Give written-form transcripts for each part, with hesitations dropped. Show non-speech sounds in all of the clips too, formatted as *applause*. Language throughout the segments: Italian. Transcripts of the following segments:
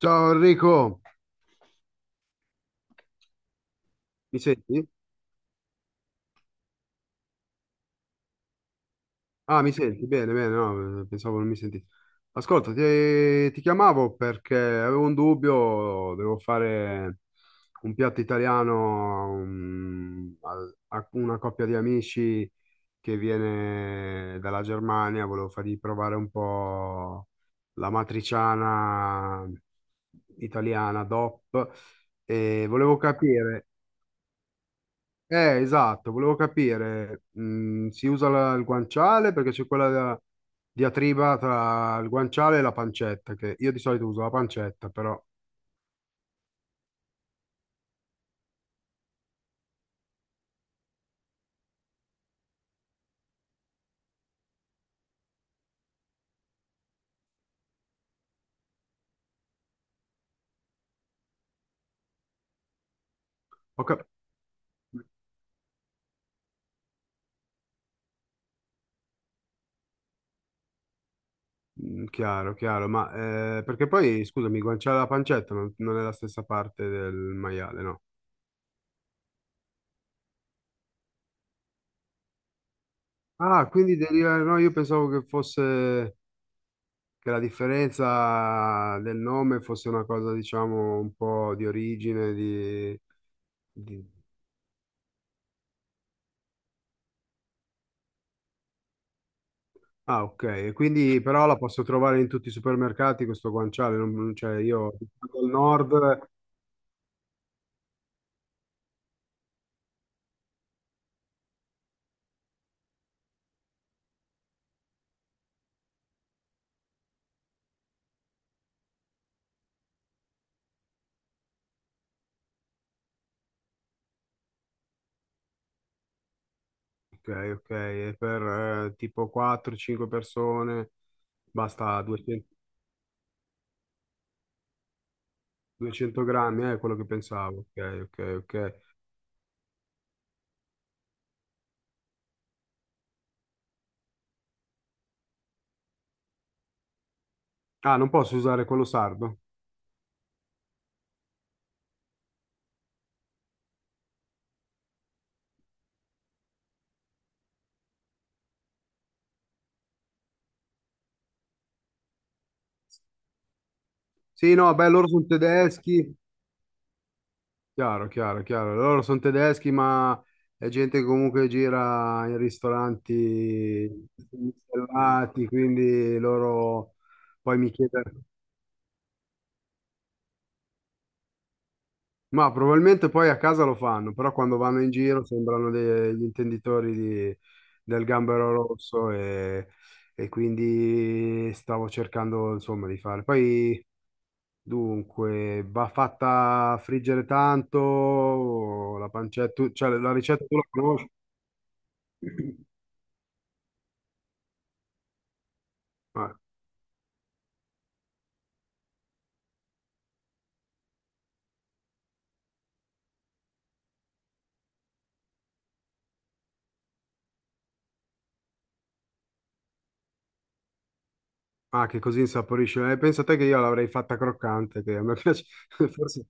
Ciao Enrico, mi senti? Ah, mi senti? Bene, bene, no, pensavo non mi sentissi. Ascolta, ti chiamavo perché avevo un dubbio, devo fare un piatto italiano a una coppia di amici che viene dalla Germania, volevo fargli provare un po' la matriciana italiana DOP e volevo capire. Esatto, volevo capire, si usa il guanciale perché c'è quella diatriba tra il guanciale e la pancetta, che io di solito uso la pancetta, però ho cap- Chiaro, chiaro, ma perché poi, scusami, il guanciale e la pancetta non è la stessa parte del maiale, no? Ah, quindi deriva, no, io pensavo che fosse, che la differenza del nome fosse una cosa, diciamo, un po' di origine, di- Ah, ok. E quindi però la posso trovare in tutti i supermercati questo guanciale, non cioè io vado al nord, ok, ok, e per tipo 4-5 persone basta 200 grammi, è quello che pensavo, ok, ok, ok. Ah, non posso usare quello sardo? Sì, no, beh, loro sono tedeschi, chiaro, chiaro, chiaro, loro sono tedeschi, ma è gente che comunque gira in ristoranti stellati, quindi loro poi mi chiedono. Ma probabilmente poi a casa lo fanno, però quando vanno in giro sembrano degli intenditori del gambero rosso e quindi stavo cercando insomma di fare. Poi dunque va fatta friggere tanto la pancetta, cioè la ricetta tu la conosci? *clears throat* Ah, ah, che così insaporisce. Pensa te che io l'avrei fatta croccante, che a me piace, *laughs* forse,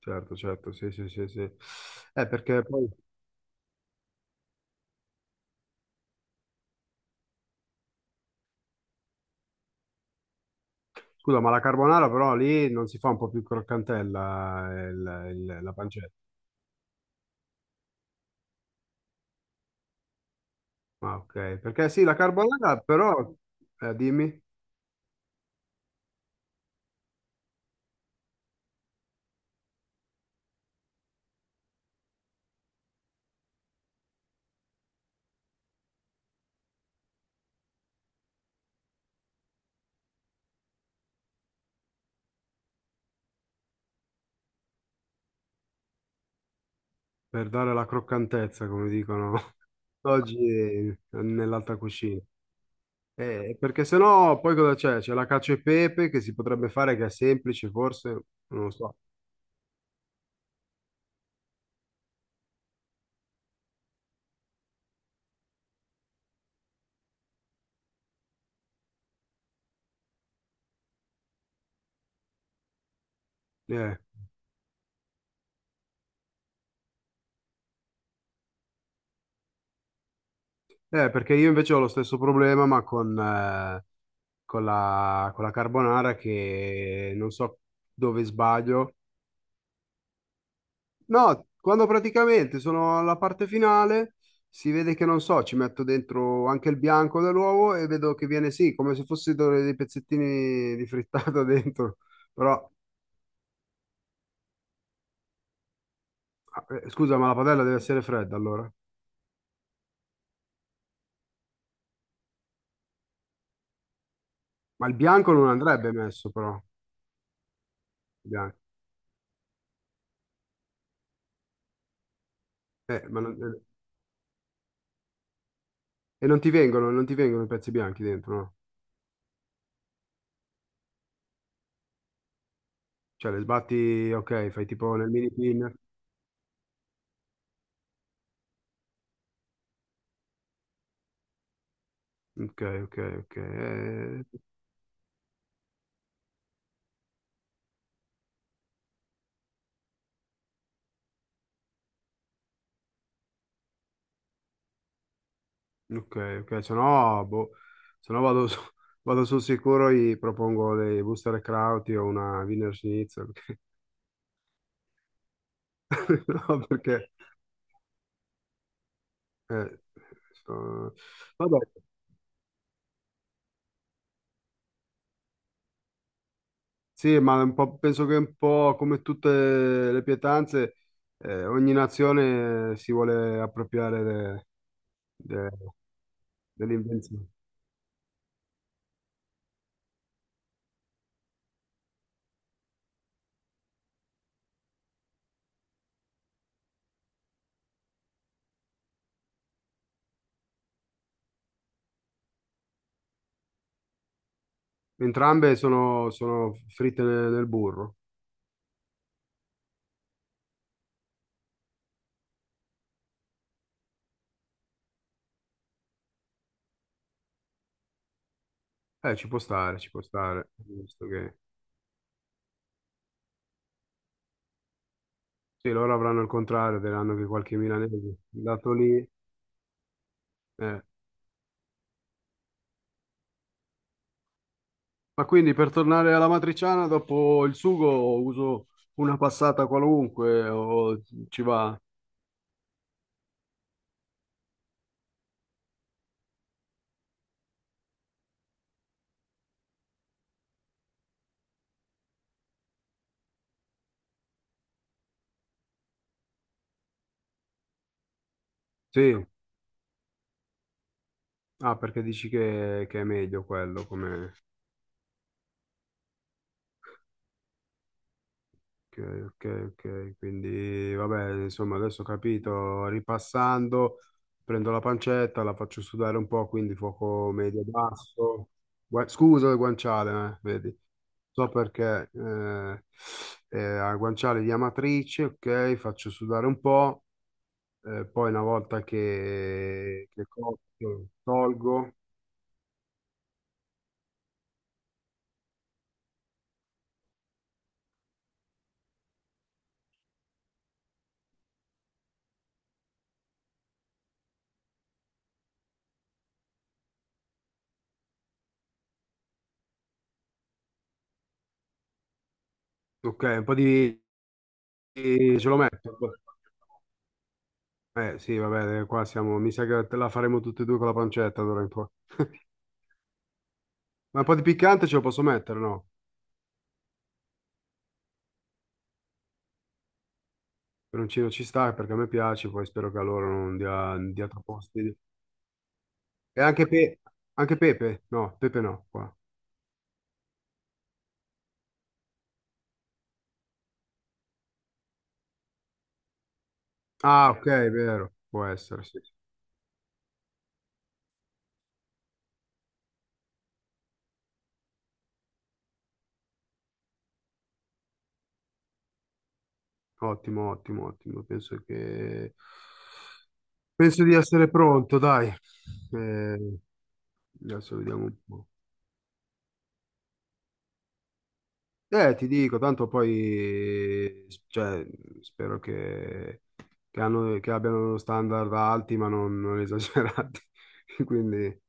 certo, certo, sì, sì, sì, sì. Perché poi. Scusa, ma la carbonara però lì non si fa un po' più croccantella la pancetta. Ah, ok. Perché sì, la carbonara però, dimmi, per dare la croccantezza, come dicono *laughs* oggi nell'alta cucina. Perché sennò poi cosa c'è? C'è la cacio e pepe che si potrebbe fare, che è semplice forse, non lo so. Eh, perché io invece ho lo stesso problema, ma con la carbonara che non so dove sbaglio. No, quando praticamente sono alla parte finale, si vede che non so, ci metto dentro anche il bianco dell'uovo e vedo che viene sì, come se fossero dei pezzettini di frittata *laughs* dentro. Però, scusa, ma la padella deve essere fredda allora. Ma il bianco non andrebbe messo però. Il bianco. Ma e non ti vengono i pezzi bianchi dentro, no? Cioè, le sbatti, ok, fai tipo nel mini pinner. Ok, ok, ok. Ok, ok, se no, boh, se no vado, *laughs* vado sul sicuro e propongo dei Wurstel Krauti o una Wiener Schnitzel. *laughs* No, eh, so- vabbè, sì, ma un po', penso che un po' come tutte le pietanze, ogni nazione si vuole appropriare de- dell'invenzione. Entrambe sono fritte nel burro. Ci può stare, ci può stare. Sì, loro avranno il contrario, diranno che qualche milanese è andato lì. Eh. Ma quindi per tornare alla matriciana, dopo il sugo uso una passata qualunque o ci va? Sì. Ah, perché dici che è meglio quello come. Ok, ok, ok. Quindi, vabbè, insomma, adesso ho capito. Ripassando, prendo la pancetta, la faccio sudare un po', quindi fuoco medio-basso. Scusa, le guanciale, vedi. So perché a guanciale di Amatrice, ok, faccio sudare un po', poi una volta che cotto, tolgo, ok, un po' ce lo metto. Eh sì, vabbè, qua siamo, mi sa che te la faremo tutti e due con la pancetta d'ora in poi. *laughs* Ma un po' di piccante ce lo posso mettere, no? Peperoncino ci sta perché a me piace, poi spero che a loro non dia troppo fastidio. E anche, anche Pepe? No, Pepe no, qua. Ah, ok, è vero, può essere, sì. Ottimo, ottimo, ottimo. Penso di essere pronto, dai. Eh, adesso vediamo un po'. Ti dico, tanto poi, cioè, spero che abbiano standard alti, ma non esagerati. *laughs* Quindi,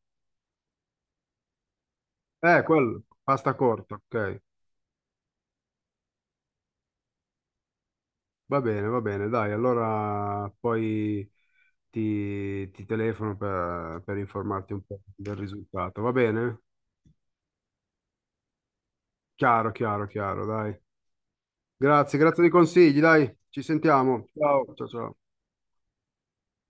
quello, pasta corta, ok. Va bene, dai, allora poi ti telefono per informarti un po' del risultato, va bene? Chiaro, chiaro, chiaro, dai. Grazie, grazie dei consigli, dai, ci sentiamo. Ciao, ciao, ciao.